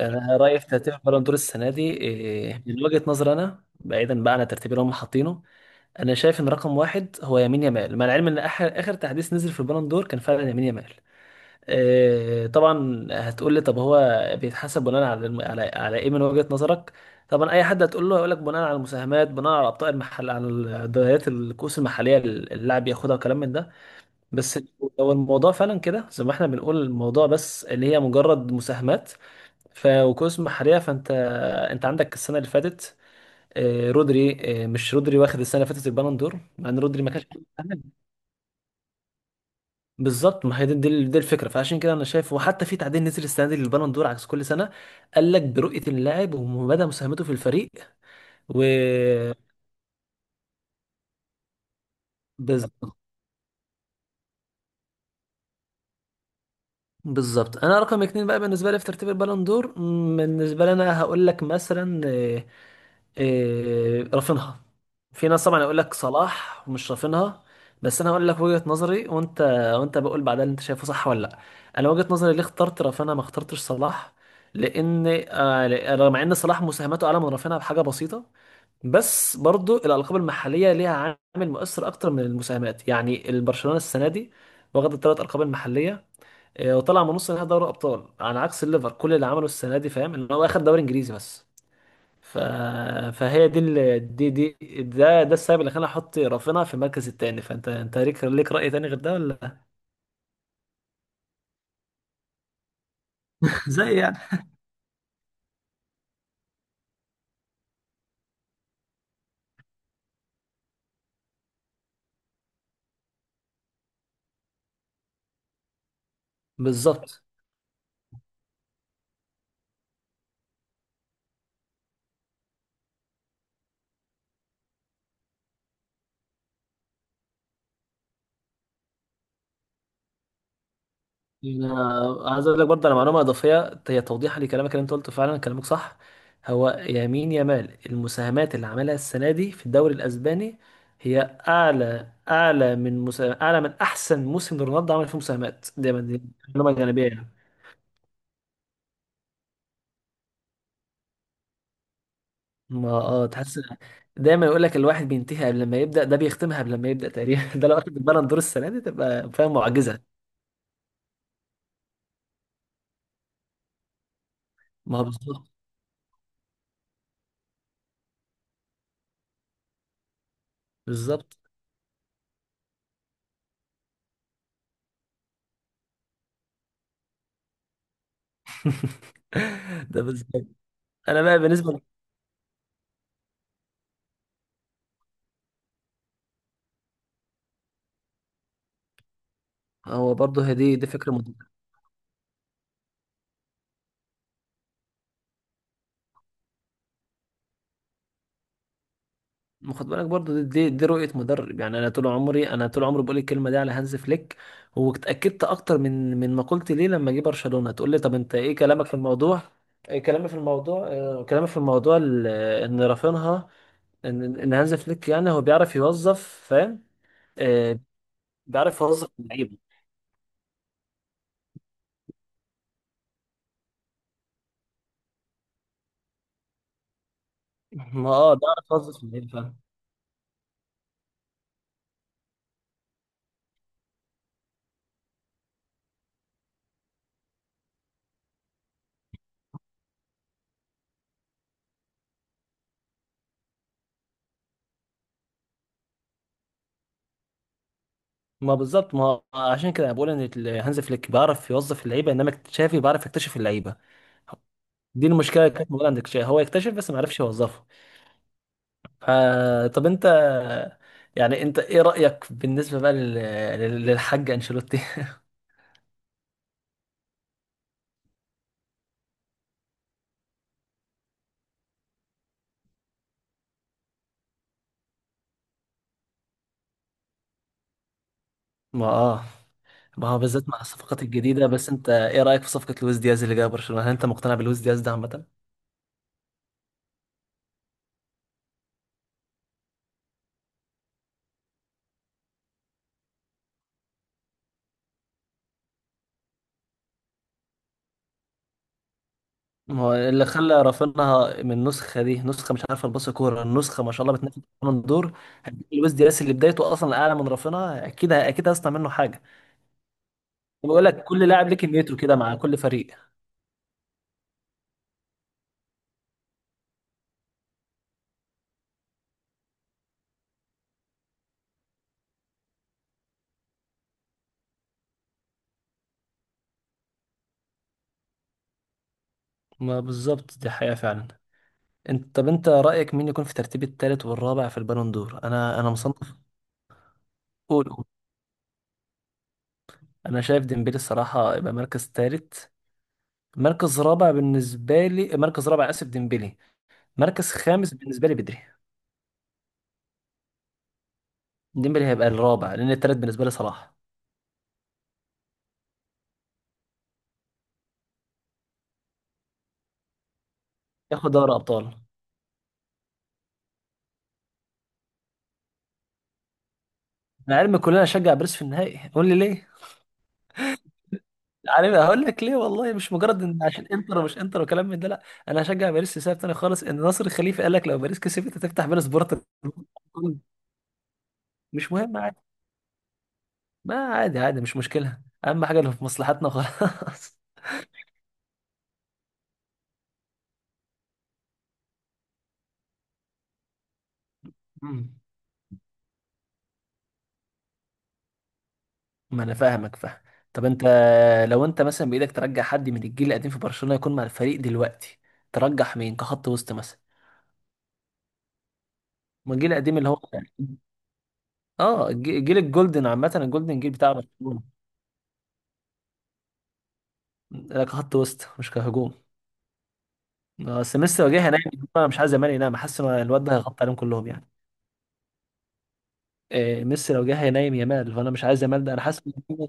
انا رايي في ترتيب البالون دور السنه دي من وجهه نظري انا بعيدا بقى عن الترتيب اللي هم حاطينه. انا شايف ان رقم واحد هو يمين يامال، مع العلم ان اخر اخر تحديث نزل في البالون دور كان فعلا يمين يامال. طبعا هتقول لي طب هو بيتحسب بناء على على ايه من وجهه نظرك. طبعا اي حد هتقول له هيقول لك بناء على المساهمات، بناء على ابطال المحل على الدوريات الكؤوس المحليه اللي اللاعب ياخدها وكلام من ده. بس لو الموضوع فعلا كده زي ما احنا بنقول الموضوع بس اللي هي مجرد مساهمات ف وكؤوس محرية فانت انت عندك السنة اللي فاتت رودري. مش رودري واخد السنة اللي فاتت البالون دور مع ان رودري ما كانش بالظبط. ما هي دي الفكرة، فعشان كده انا شايف، وحتى في تعديل نزل السنة دي للبالون دور عكس كل سنة، قال لك برؤية اللاعب ومدى مساهمته في الفريق و بالظبط. بالظبط، انا رقم اتنين بقى بالنسبة لي في ترتيب البالون دور، بالنسبة لي انا هقول لك مثلا آه، إيه رافينها. في ناس طبعا يقول لك صلاح مش رافينها، بس انا هقول لك وجهة نظري وانت، وانت بقول بعدها اللي انت شايفه صح ولا لا. انا وجهة نظري ليه اخترت رافينها ما اخترتش صلاح، لان رغم ان صلاح مساهماته اعلى من رافينها بحاجة بسيطة، بس برضو الألقاب المحلية ليها عامل مؤثر أكتر من المساهمات. يعني البرشلونة السنة دي واخد الثلاث ألقاب المحلية، وطلع من نص نهائي دوري أبطال، على عكس الليفر كل اللي عمله السنة دي، فاهم، إن هو أخد دوري إنجليزي بس. ف... فهي دي ال... دي دي ده ده السبب اللي خلاني احط رافينا في المركز الثاني. فانت انت ليك راي تاني غير ده ولا؟ زي يعني بالظبط. انا عايز اقول لك برضه على معلومه اضافيه، هي توضيحا لكلامك، اللي انت قلته فعلا كلامك صح. هو يمين يامال المساهمات اللي عملها السنه دي في الدوري الاسباني هي اعلى من احسن موسم لرونالدو عمل فيه مساهمات دي. معلومه جانبيه يعني. ما اه تحس، دايما يقول لك الواحد بينتهي قبل ما يبدأ، ده بيختمها قبل ما يبدأ تقريبا. ده لو اخد البالون دور السنة دي تبقى فاهم معجزة. ما هو بالظبط. بالظبط. ده بالظبط. انا بقى بالنسبة لي- هو برضه هي دي دي فكرة مد- ما خد بالك برضه دي رؤية مدرب. يعني انا طول عمري، انا طول عمري بقول الكلمة دي على هانز فليك، واتأكدت اكتر من ما قلت ليه لما جه برشلونة. تقول لي طب انت ايه كلامك في الموضوع؟ كلامي في الموضوع كلامي في الموضوع ال- ان رافينها ان ان هانز فليك، يعني هو بيعرف يوظف، فاهم. آه. بيعرف يوظف اللعيبه. ما اه بيعرف يوظف اللعيبه، فاهم. ما بالظبط. ما هو عشان كده أنا بقول ان هانز فليك بيعرف يوظف اللعيبه، انما تشافي بيعرف يكتشف اللعيبه. دي المشكله اللي كانت موجوده عند تشافي، هو يكتشف بس ما عرفش يوظفه. ف طب انت، يعني انت ايه رايك بالنسبه بقى للحاج انشيلوتي؟ ما اه. ما هو بالذات مع الصفقات الجديده، بس انت ايه رايك في صفقه لويس دياز اللي جاي برشلونه؟ هل انت مقتنع بلويس دياز ده عامه؟ ما هو اللي خلى رافينها من النسخه دي، نسخه مش عارفه الباص كوره، النسخه ما شاء الله بتنافس بالون دور. هديك لويس دياس اللي بدايته اصلا اعلى من رافينها، اكيد اكيد هيصنع منه حاجه. بقول لك كل لاعب ليه كميته كده مع كل فريق. ما بالظبط، دي حقيقه فعلا. انت طب انت رايك مين يكون في ترتيب الثالث والرابع في البالون دور؟ انا مصنف. قول، قول. انا شايف ديمبلي الصراحه يبقى مركز ثالث. مركز رابع بالنسبه لي، مركز رابع اسف ديمبلي. مركز خامس بالنسبه لي بدري. ديمبلي هيبقى الرابع، لان الثالث بالنسبه لي صلاح. ياخد دوري ابطال. انا علمي كلنا نشجع باريس في النهائي، قول لي ليه؟ عارف هقول لك ليه؟ والله مش مجرد ان عشان انتر ومش انتر وكلام من ده، لا. انا هشجع باريس لسبب تاني خالص، ان ناصر الخليفي قال لك لو باريس كسبت هتفتح بين سبورت. مش مهم عادي. ما عادي عادي، مش مشكله. اهم حاجه اللي في مصلحتنا خلاص. مم. ما انا فاهمك، فاهم. طب انت، لو انت مثلا بايدك ترجع حد من الجيل القديم في برشلونه يكون مع الفريق دلوقتي، ترجح مين كخط وسط مثلا؟ من الجيل القديم اللي هو، جيل الجولدن، عامة الجولدن جيل بتاع برشلونة. لا كخط وسط مش كهجوم. بس ميسي لو جه هينام. انا مش عايز يامال ينام، حاسس ان الواد ده هيغطي عليهم كلهم يعني. ميسي لو جه هينام يامال، فانا مش عايز يامال ده، انا حاسس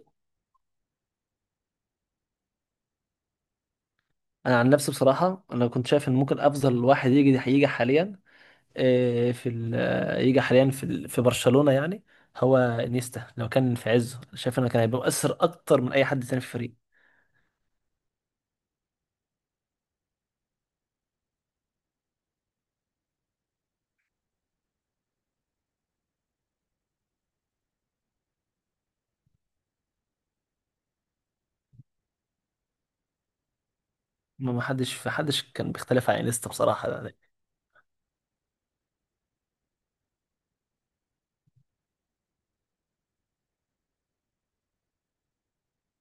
انا عن نفسي بصراحة انا كنت شايف ان ممكن افضل واحد يجي هيجي حاليا، إيه في ال- آه، يجي حاليا في في برشلونة يعني، هو انيستا لو كان في عزه. شايف انه كان هيبقى مؤثر اكتر من اي حد تاني في الفريق. ما حدش في حدش كان بيختلف عن انيستا بصراحة يعني.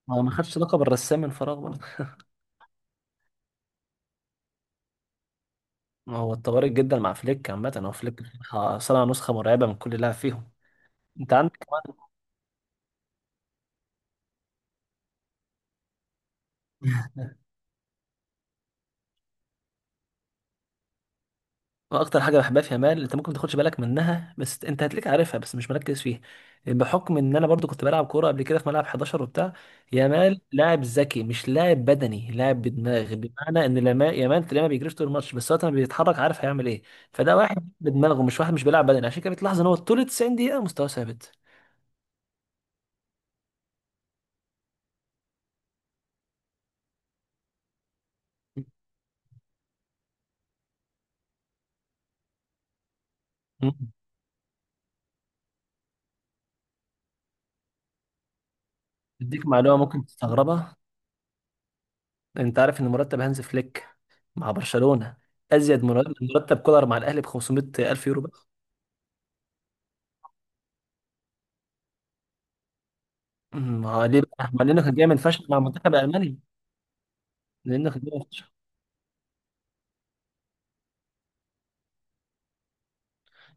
ما ما خدش لقب الرسام من فراغ برضه. ما هو اتطورت جدا مع فليك. عامة هو فليك صنع نسخة مرعبة من كل لاعب فيهم. انت عندك كمان. اكتر حاجة بحبها في يامال، انت ممكن ما تاخدش بالك منها بس انت هتلاقيك عارفها بس مش مركز فيها. بحكم ان انا برضو كنت بلعب كورة قبل كده في ملعب 11 وبتاع. يامال لاعب ذكي مش لاعب بدني، لاعب بدماغ. بمعنى ان لما يامال تلاقيه ما بيجريش طول الماتش، بس وقت ما بيتحرك عارف هيعمل ايه. فده واحد بدماغه، مش واحد مش بيلعب بدني. عشان كده بتلاحظ ان هو طول 90 دقيقة مستواه ثابت. مم. اديك معلومه ممكن تستغربها. انت عارف ان مرتب هانز فليك مع برشلونة ازيد مرتب كولر مع الاهلي ب 500 الف يورو بس. ما هو ليه بقى؟ ما لانه كان جاي فشخ مع المنتخب الالماني. لانه كان جاي فشخ.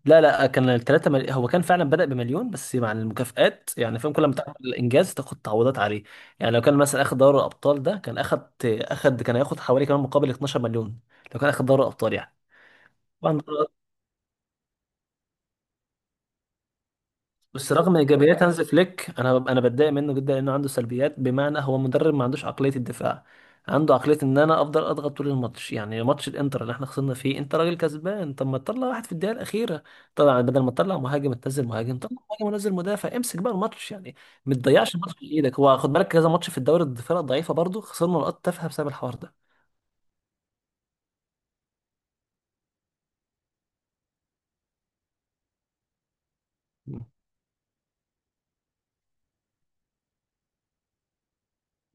لا لا، كان الثلاثه هو كان فعلا بدأ بمليون، بس مع المكافآت، يعني فاهم، كل ما تعمل الانجاز تاخد تعويضات عليه. يعني لو كان مثلا اخد دوري الابطال ده، كان اخد اخد كان هياخد حوالي كمان مقابل 12 مليون، لو كان اخد دوري الابطال يعني. طبعا. بس رغم ايجابيات هانز فليك، انا انا بتضايق منه جدا لانه عنده سلبيات، بمعنى هو مدرب ما عندوش عقليه الدفاع. عنده عقليه ان انا افضل اضغط طول الماتش. يعني ماتش الانتر اللي احنا خسرنا فيه، انت راجل كسبان، طب ما تطلع واحد في الدقيقه الاخيره. طبعا بدل ما تطلع مهاجم تنزل مهاجم، طلع مهاجم ونزل مدافع، امسك بقى الماتش يعني. ما تضيعش الماتش في ايدك. هو خد بالك كذا ماتش في الدوري الفرق ضعيفه برضه، خسرنا نقاط تافهه بسبب الحوار ده.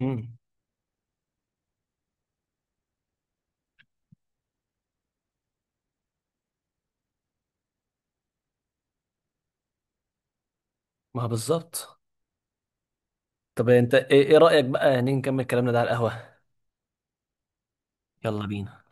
امم ما هو بالظبط. طب انت ايه رايك بقى، يعني نكمل كلامنا ده على القهوه؟ يلا بينا.